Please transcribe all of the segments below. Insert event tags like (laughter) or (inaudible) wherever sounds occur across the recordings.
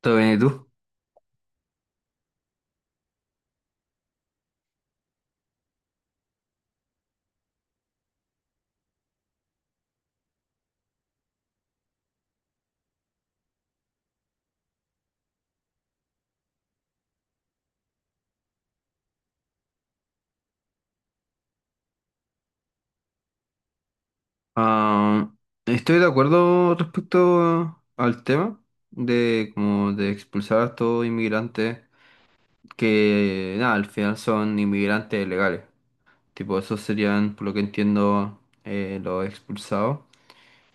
Todo bien, ¿y tú? Ah, Estoy de acuerdo respecto al tema de como de expulsar a estos inmigrantes que nada, al final son inmigrantes legales. Tipo, esos serían, por lo que entiendo, los expulsados.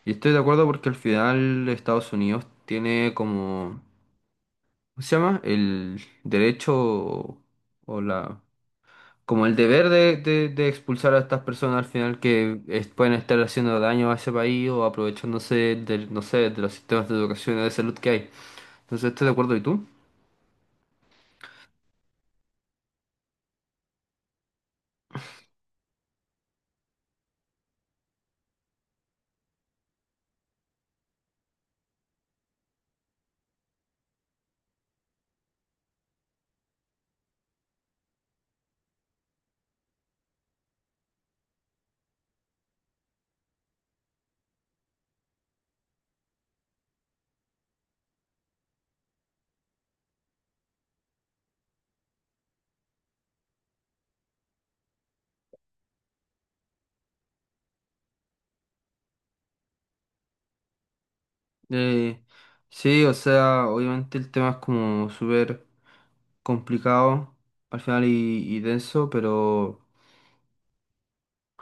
Y estoy de acuerdo porque al final Estados Unidos tiene como, ¿cómo se llama? El derecho o la como el deber de expulsar a estas personas al final pueden estar haciendo daño a ese país o aprovechándose del, no sé, de los sistemas de educación y de salud que hay. Entonces, estoy de acuerdo. ¿Y tú? Eh, sí, o sea, obviamente el tema es como súper complicado al final y denso, pero...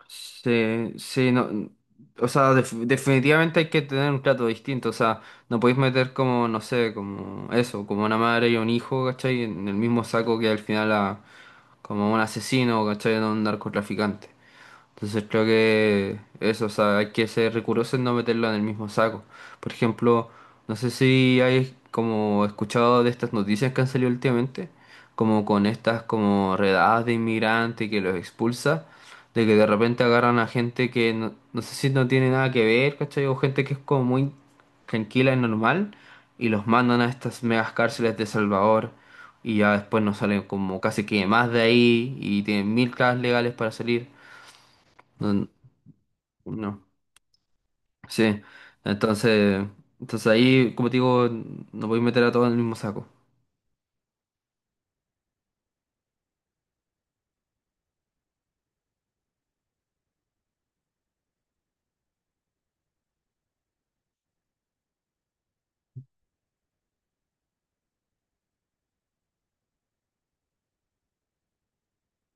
Sí, sí, no, o sea, definitivamente hay que tener un trato distinto, o sea, no podéis meter como, no sé, como eso, como una madre y un hijo, ¿cachai? En el mismo saco que al final a, como un asesino, ¿cachai? O un narcotraficante. Entonces creo que eso, o sea, hay que ser riguroso en no meterlo en el mismo saco. Por ejemplo, no sé si hay como escuchado de estas noticias que han salido últimamente, como con estas como redadas de inmigrantes que los expulsa, de que de repente agarran a gente que no, no sé si no tiene nada que ver, ¿cachai? O gente que es como muy tranquila y normal, y los mandan a estas megas cárceles de Salvador, y ya después no salen como casi que más de ahí, y tienen mil trabas legales para salir. No- no, sí. Entonces, entonces ahí, como te digo, no voy a meter a todos en el mismo saco.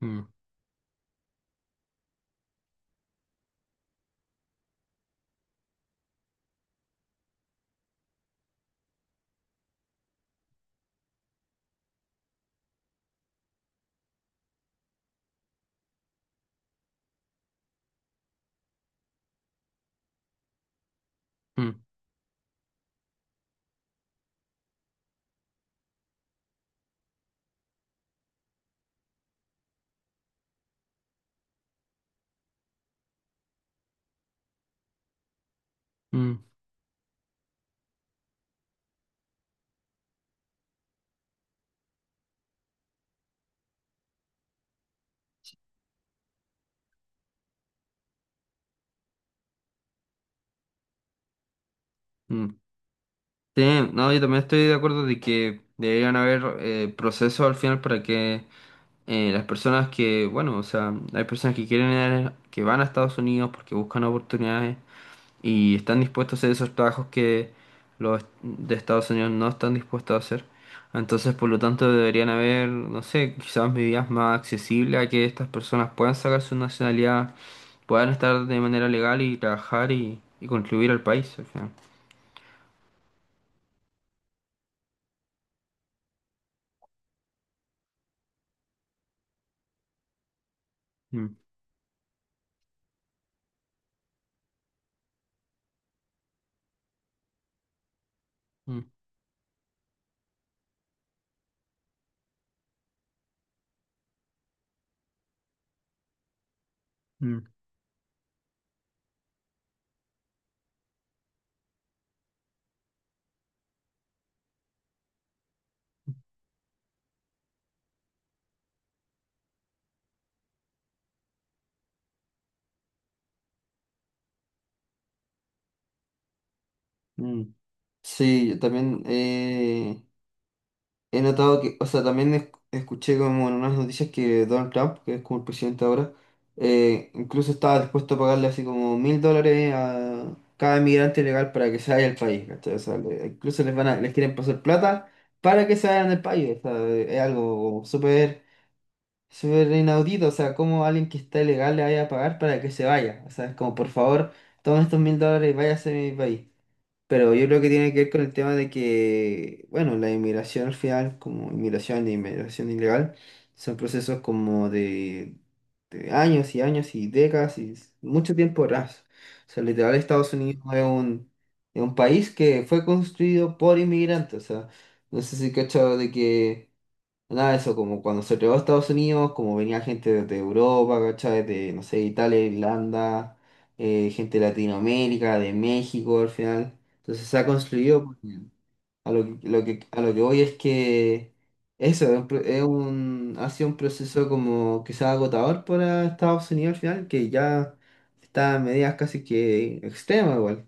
Mm, mm, mm, mm. Sí, no, yo también estoy de acuerdo de que deberían haber procesos al final para que las personas que, bueno, o sea, hay personas que quieren que van a Estados Unidos porque buscan oportunidades y están dispuestos a hacer esos trabajos que los de Estados Unidos no están dispuestos a hacer. Entonces, por lo tanto, deberían haber, no sé, quizás medidas más accesibles a que estas personas puedan sacar su nacionalidad, puedan estar de manera legal y trabajar y contribuir al país al final. Mm, mm, mm, mm. Sí, yo también. He notado que, o sea, también escuché como en unas noticias que Donald Trump, que es como el presidente ahora, incluso estaba dispuesto a pagarle así como $1,000 a cada inmigrante ilegal para que se vaya del país, ¿cachai? O sea, incluso les quieren pasar plata para que se vayan del país, o sea, es algo como súper, súper inaudito, o sea, como alguien que está ilegal le vaya a pagar para que se vaya, o sea, es como, por favor, tomen estos $1,000 y váyase de mi país. Pero yo creo que tiene que ver con el tema de que, bueno, la inmigración al final, como inmigración e inmigración ilegal, son procesos como de años y años y décadas y mucho tiempo atrás. O sea, literal, Estados Unidos es un país que fue construido por inmigrantes. O sea, no sé si cachado de que nada de eso, como cuando se llegó a Estados Unidos, como venía gente desde Europa, ¿cachai? De, no sé, Italia, Irlanda, gente de Latinoamérica, de México al final. Entonces se ha construido, pues, bien. A lo que, a lo que voy es que eso es un, pro- es un- ha sido un proceso como que sea agotador para Estados Unidos al final, que ya está a medidas casi que extremas igual.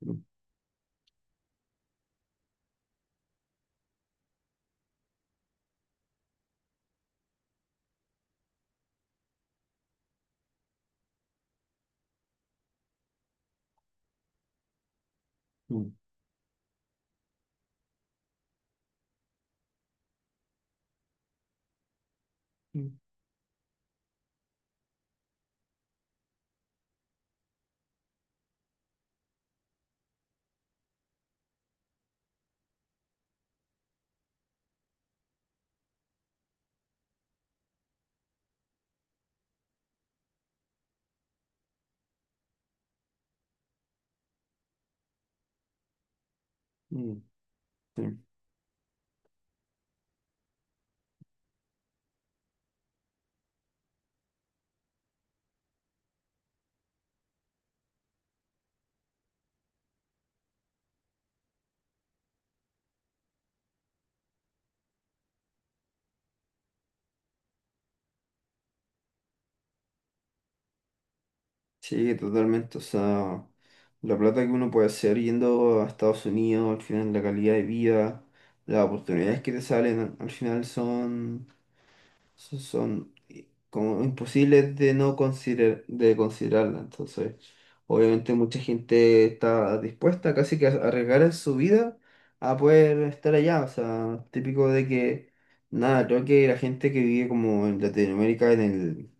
¿No? Mm, mm, mm. Sí, sí, totalmente. O sea, la plata que uno puede hacer yendo a Estados Unidos, al final la calidad de vida, las oportunidades que te salen, al final son... como imposibles de no considerar, de considerarla. Entonces, obviamente mucha gente está dispuesta casi que a arriesgar su vida a poder estar allá. O sea, típico de que, nada, creo que la gente que vive como en Latinoamérica,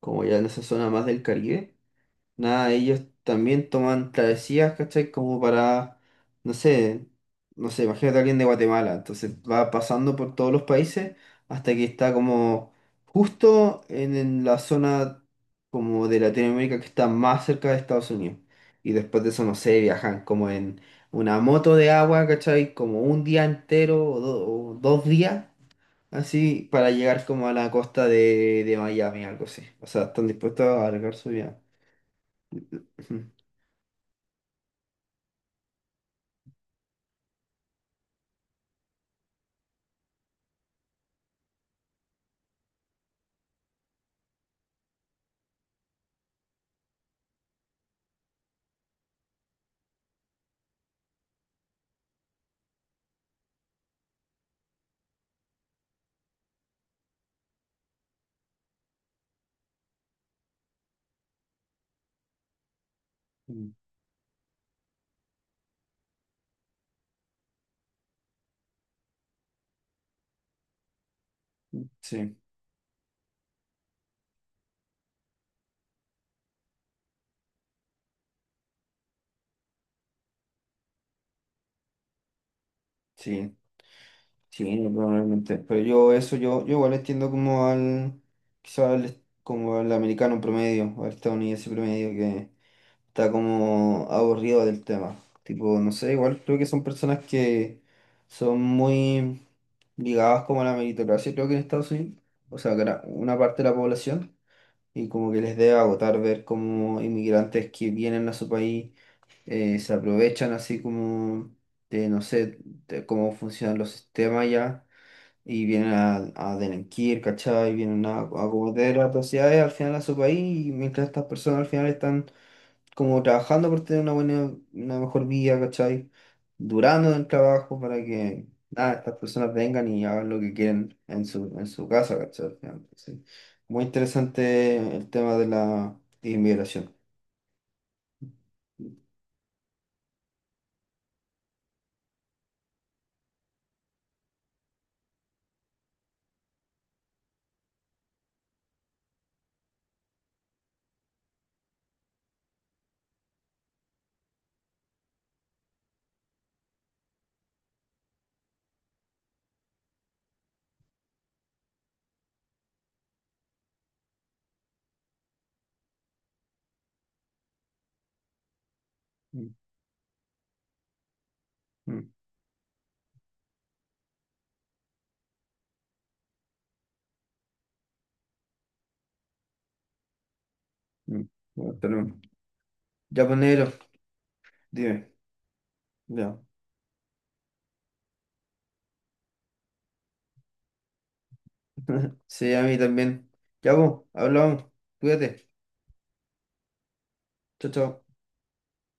como ya en esa zona más del Caribe, nada, ellos también toman travesías, ¿cachai? Como para, no sé, imagínate a alguien de Guatemala, entonces va pasando por todos los países hasta que está como justo en la zona como de Latinoamérica que está más cerca de Estados Unidos. Y después de eso, no sé, viajan como en una moto de agua, ¿cachai? Como un día entero o dos días, así, para llegar como a la costa de Miami, algo así. O sea, están dispuestos a alargar su vida. Ujú. (laughs) Sí, sí, sí, no, probablemente. Pero yo eso, yo igual entiendo como al, quizá como al americano promedio, o al estadounidense promedio que está como aburrido del tema. Tipo, no sé, igual creo que son personas que son muy ligadas como a la meritocracia, creo que en Estados Unidos, o sea, una parte de la población, y como que les debe agotar ver como inmigrantes que vienen a su país se aprovechan así como de, no sé, de cómo funcionan los sistemas ya, y vienen a delinquir, ¿cachai? Vienen a cometer atrocidades al final a su país, y mientras estas personas al final están como trabajando por tener una buena, una mejor vida, ¿cachai? Durando en el trabajo para que nada, estas personas vengan y hagan lo que quieren en su casa, ¿cachai? Al final, sí. Muy interesante el tema de la inmigración. Mm, mm. Bueno, tenemos. Ya, pues, negro, dime. Ya. (laughs) Sí, a mí también. Ya, pues, hablamos. Cuídate. Chao, chao.